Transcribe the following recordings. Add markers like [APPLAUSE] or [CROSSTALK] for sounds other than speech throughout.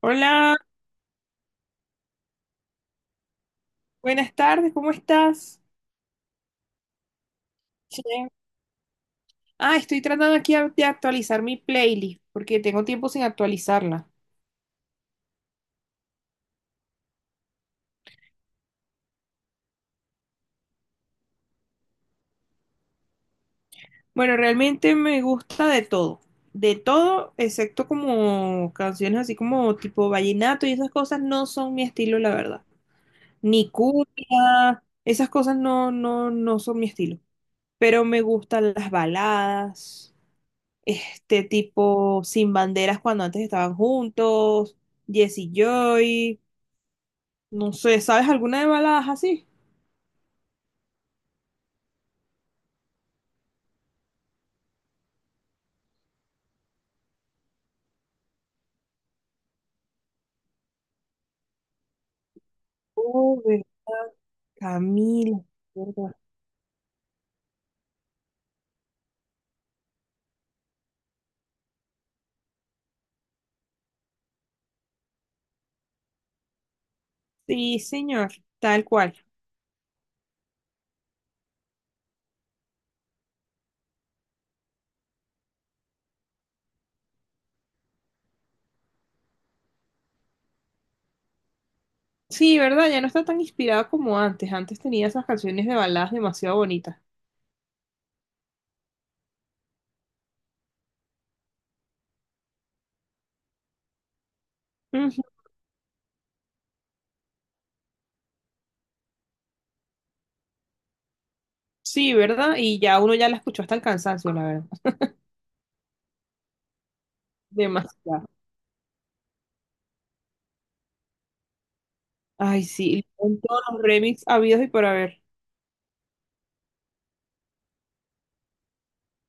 Hola, buenas tardes, ¿cómo estás? Sí. Estoy tratando aquí de actualizar mi playlist porque tengo tiempo sin actualizarla. Bueno, realmente me gusta de todo, excepto como canciones así como tipo vallenato y esas cosas no son mi estilo, la verdad. Ni cumbia, esas cosas no, no, no son mi estilo. Pero me gustan las baladas, este tipo Sin Banderas cuando antes estaban juntos, Jesse Joy. No sé, ¿sabes alguna de baladas así? Uy, Camila, ¿verdad? Sí, señor, tal cual. Sí, ¿verdad? Ya no está tan inspirada como antes. Antes tenía esas canciones de baladas demasiado bonitas. Ujú. Sí, ¿verdad? Y ya uno ya la escuchó hasta el cansancio, la verdad. Demasiado. Ay, sí, con todos los remix habidos y por haber.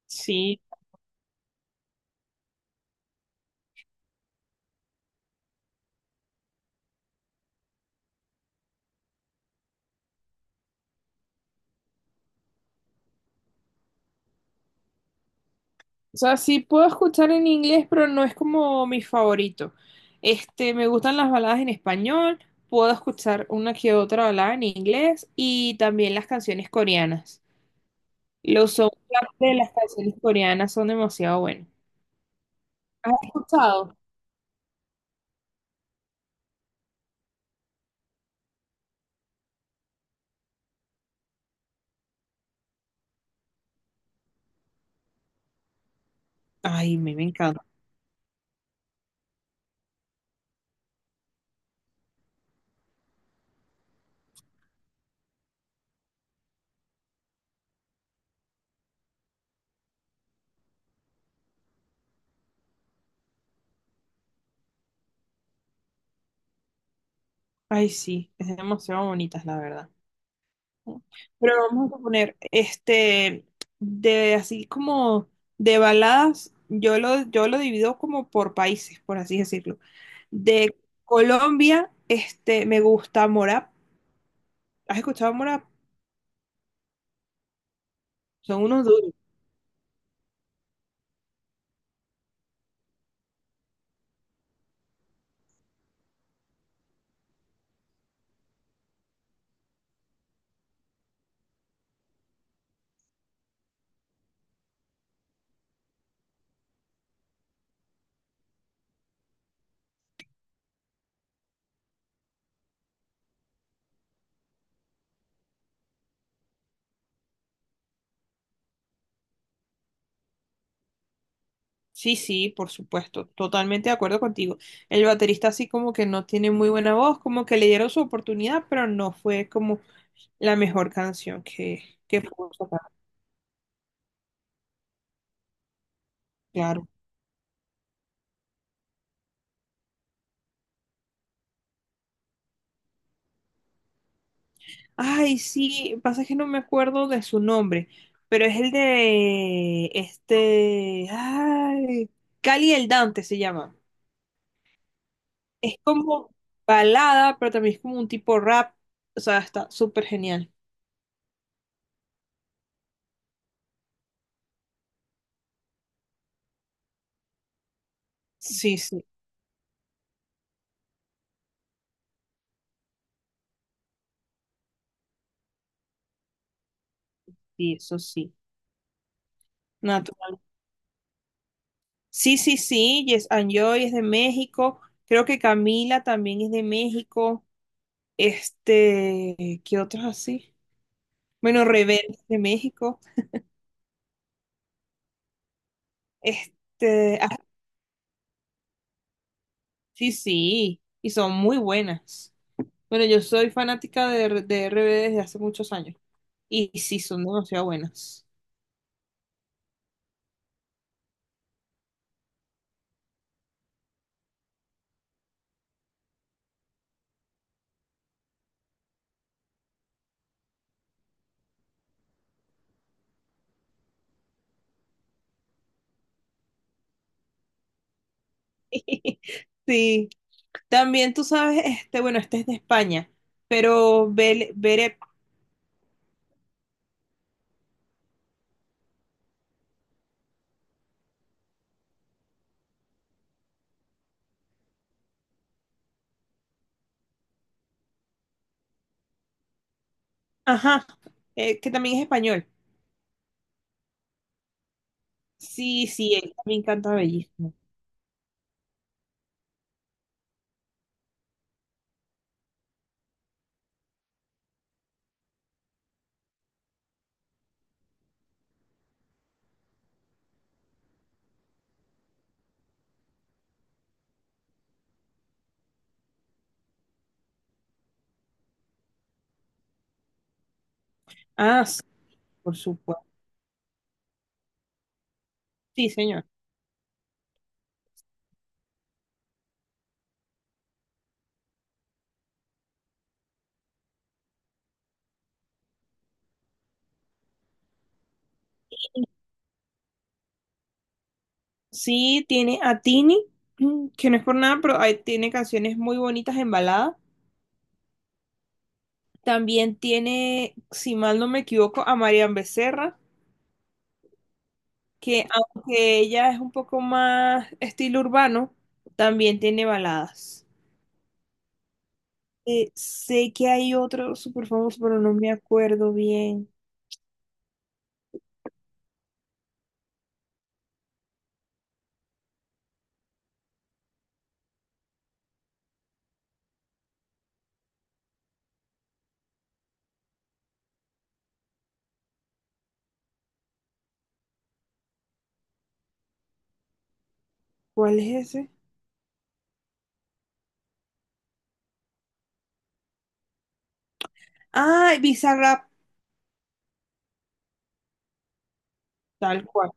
Sí, o sea, sí puedo escuchar en inglés, pero no es como mi favorito. Este, me gustan las baladas en español, puedo escuchar una que otra balada en inglés y también las canciones coreanas. Los soundtracks de las canciones coreanas son demasiado buenos. ¿Has escuchado? Ay, me encanta. Ay, sí, es demasiado bonitas, la verdad. Pero vamos a poner, este, de así como de baladas, yo lo divido como por países, por así decirlo. De Colombia, este, me gusta Morap. ¿Has escuchado Morap? Son unos duros. Sí, sí, por supuesto, totalmente de acuerdo contigo. El baterista así como que no tiene muy buena voz, como que le dieron su oportunidad, pero no fue como la mejor canción que pudo sacar, claro. Ay, sí, pasa que no me acuerdo de su nombre, pero es el de este, ay, Cali el Dante se llama. Es como balada, pero también es como un tipo rap, o sea, está súper genial. Sí, sí, sí, eso sí. Natural. Sí, sí, sí, Yes and Joy es de México, creo que Camila también es de México, este, ¿qué otros así? Bueno, Rebelde es de México. Este, sí, sí, y son muy buenas. Bueno, yo soy fanática de RBD desde hace muchos años y sí, son demasiado buenas. [LAUGHS] Sí, también tú sabes, este, bueno, este es de España, pero Bere, ajá, que también es español. Sí, sí, él también canta bellísimo. Ah, sí, por supuesto. Sí, señor. Sí, tiene a Tini, [CLEARS THROAT] que no es por nada, pero ahí tiene canciones muy bonitas en balada. También tiene, si mal no me equivoco, a Marian Becerra, que aunque ella es un poco más estilo urbano, también tiene baladas. Sé que hay otro súper famoso, pero no me acuerdo bien. ¿Cuál es ese? Ah, Bizarrap, tal cual.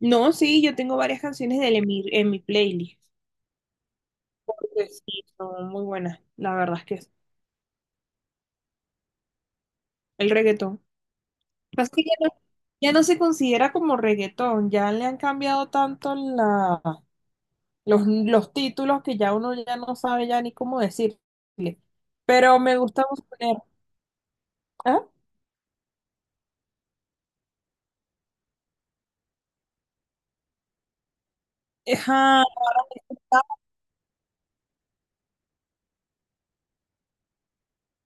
No, sí, yo tengo varias canciones de él en mi playlist. Porque sí, son muy buenas, la verdad es que es el reggaetón. Pasa que ya no, ya no se considera como reggaetón, ya le han cambiado tanto la, los títulos que ya uno ya no sabe ya ni cómo decirle. Pero me gusta poner, ¿ah? Ajá,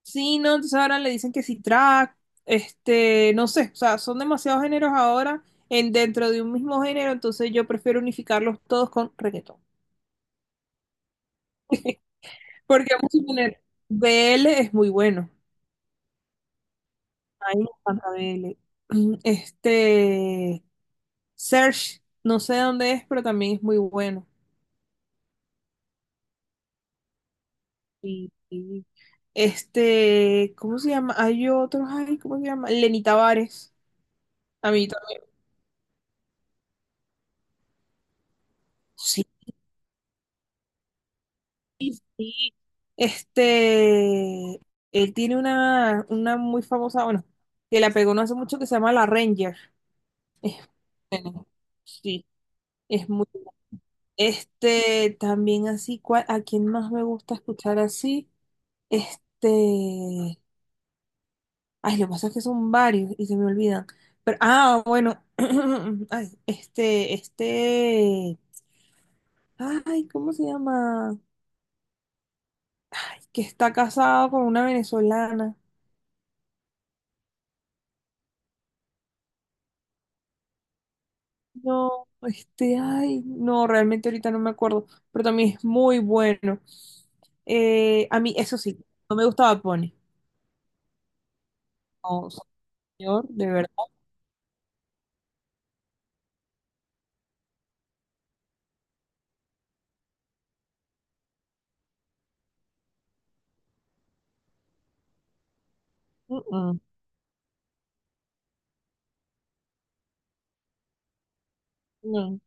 sí, no, entonces ahora le dicen que si track, este, no sé, o sea, son demasiados géneros ahora en dentro de un mismo género, entonces yo prefiero unificarlos todos con reggaetón. [LAUGHS] Porque vamos a poner BL es muy bueno. Ay, me encanta BL. [CLEARS THROAT] Este, Search, no sé dónde es, pero también es muy bueno. Y, y, este, ¿cómo se llama? Hay otros, ay, ¿cómo se llama? Lenny Tavares. A mí también. Sí. Este, él tiene una muy famosa, bueno, que la pegó no hace mucho que se llama La Ranger. Es bueno, sí, es muy. Este, también así, ¿cuál- ¿a quién más me gusta escuchar así? Este, ay, lo que pasa es que son varios y se me olvidan. Pero, ah, bueno, [CLEARS THROAT] ay, ay, ¿cómo se llama? Que está casado con una venezolana. No, este, ay, no, realmente ahorita no me acuerdo, pero también es muy bueno. A mí, eso sí, no me gustaba Pony. No, señor, de verdad. Mm, mm, no,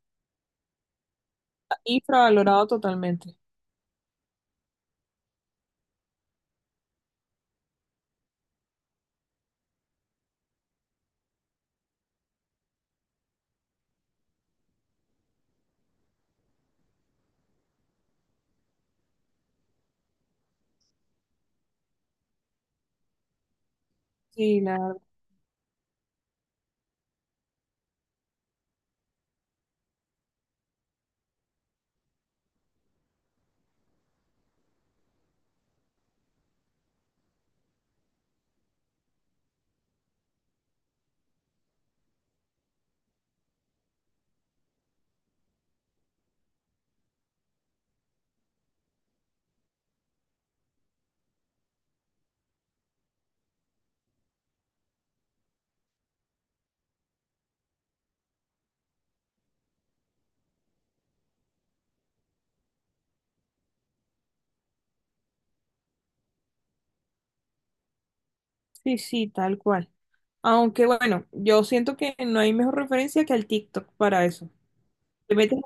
está infravalorado totalmente. Sí, la verdad. Sí, sí, tal cual. Aunque bueno, yo siento que no hay mejor referencia que el TikTok para eso. Te metes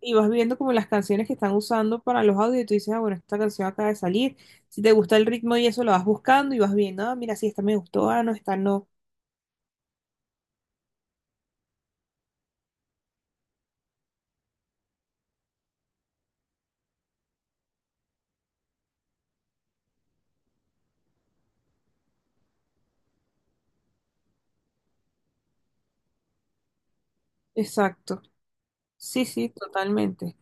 y vas viendo como las canciones que están usando para los audios y tú dices, ah, bueno, esta canción acaba de salir. Si te gusta el ritmo y eso, lo vas buscando y vas viendo, ah, mira, sí, esta me gustó, ah, no, esta no. Exacto. Sí, sí, totalmente.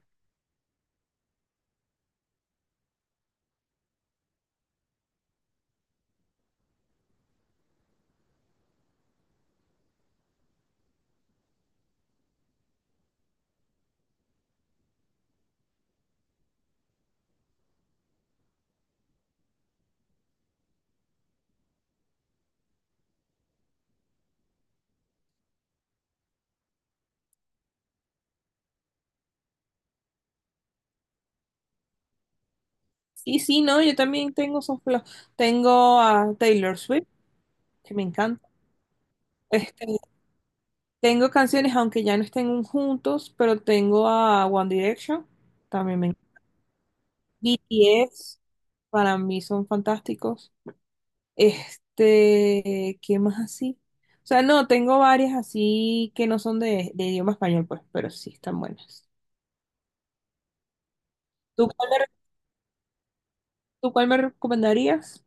Sí, sí, no, yo también tengo esos tengo a Taylor Swift, que me encanta. Este, tengo canciones, aunque ya no estén juntos, pero tengo a One Direction, también me encanta. BTS, para mí son fantásticos. Este, ¿qué más así? O sea, no, tengo varias así que no son de idioma español, pues, pero sí están buenas. ¿Tú cuál, ¿tú cuál me recomendarías?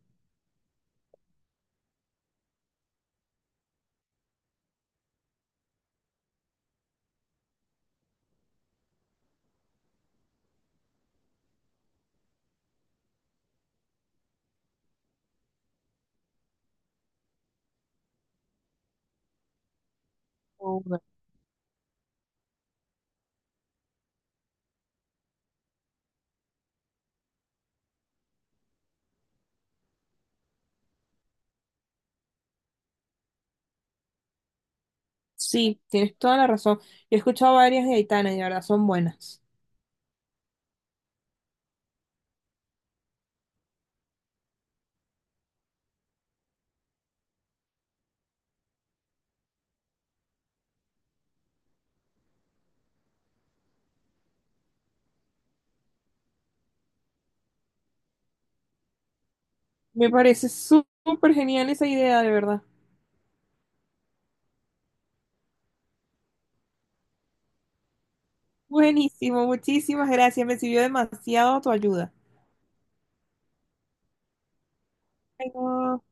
Sí, tienes toda la razón. He escuchado varias de Aitana y de verdad son buenas. Me parece súper genial esa idea, de verdad. Buenísimo, muchísimas gracias. Me sirvió demasiado tu ayuda. Bueno.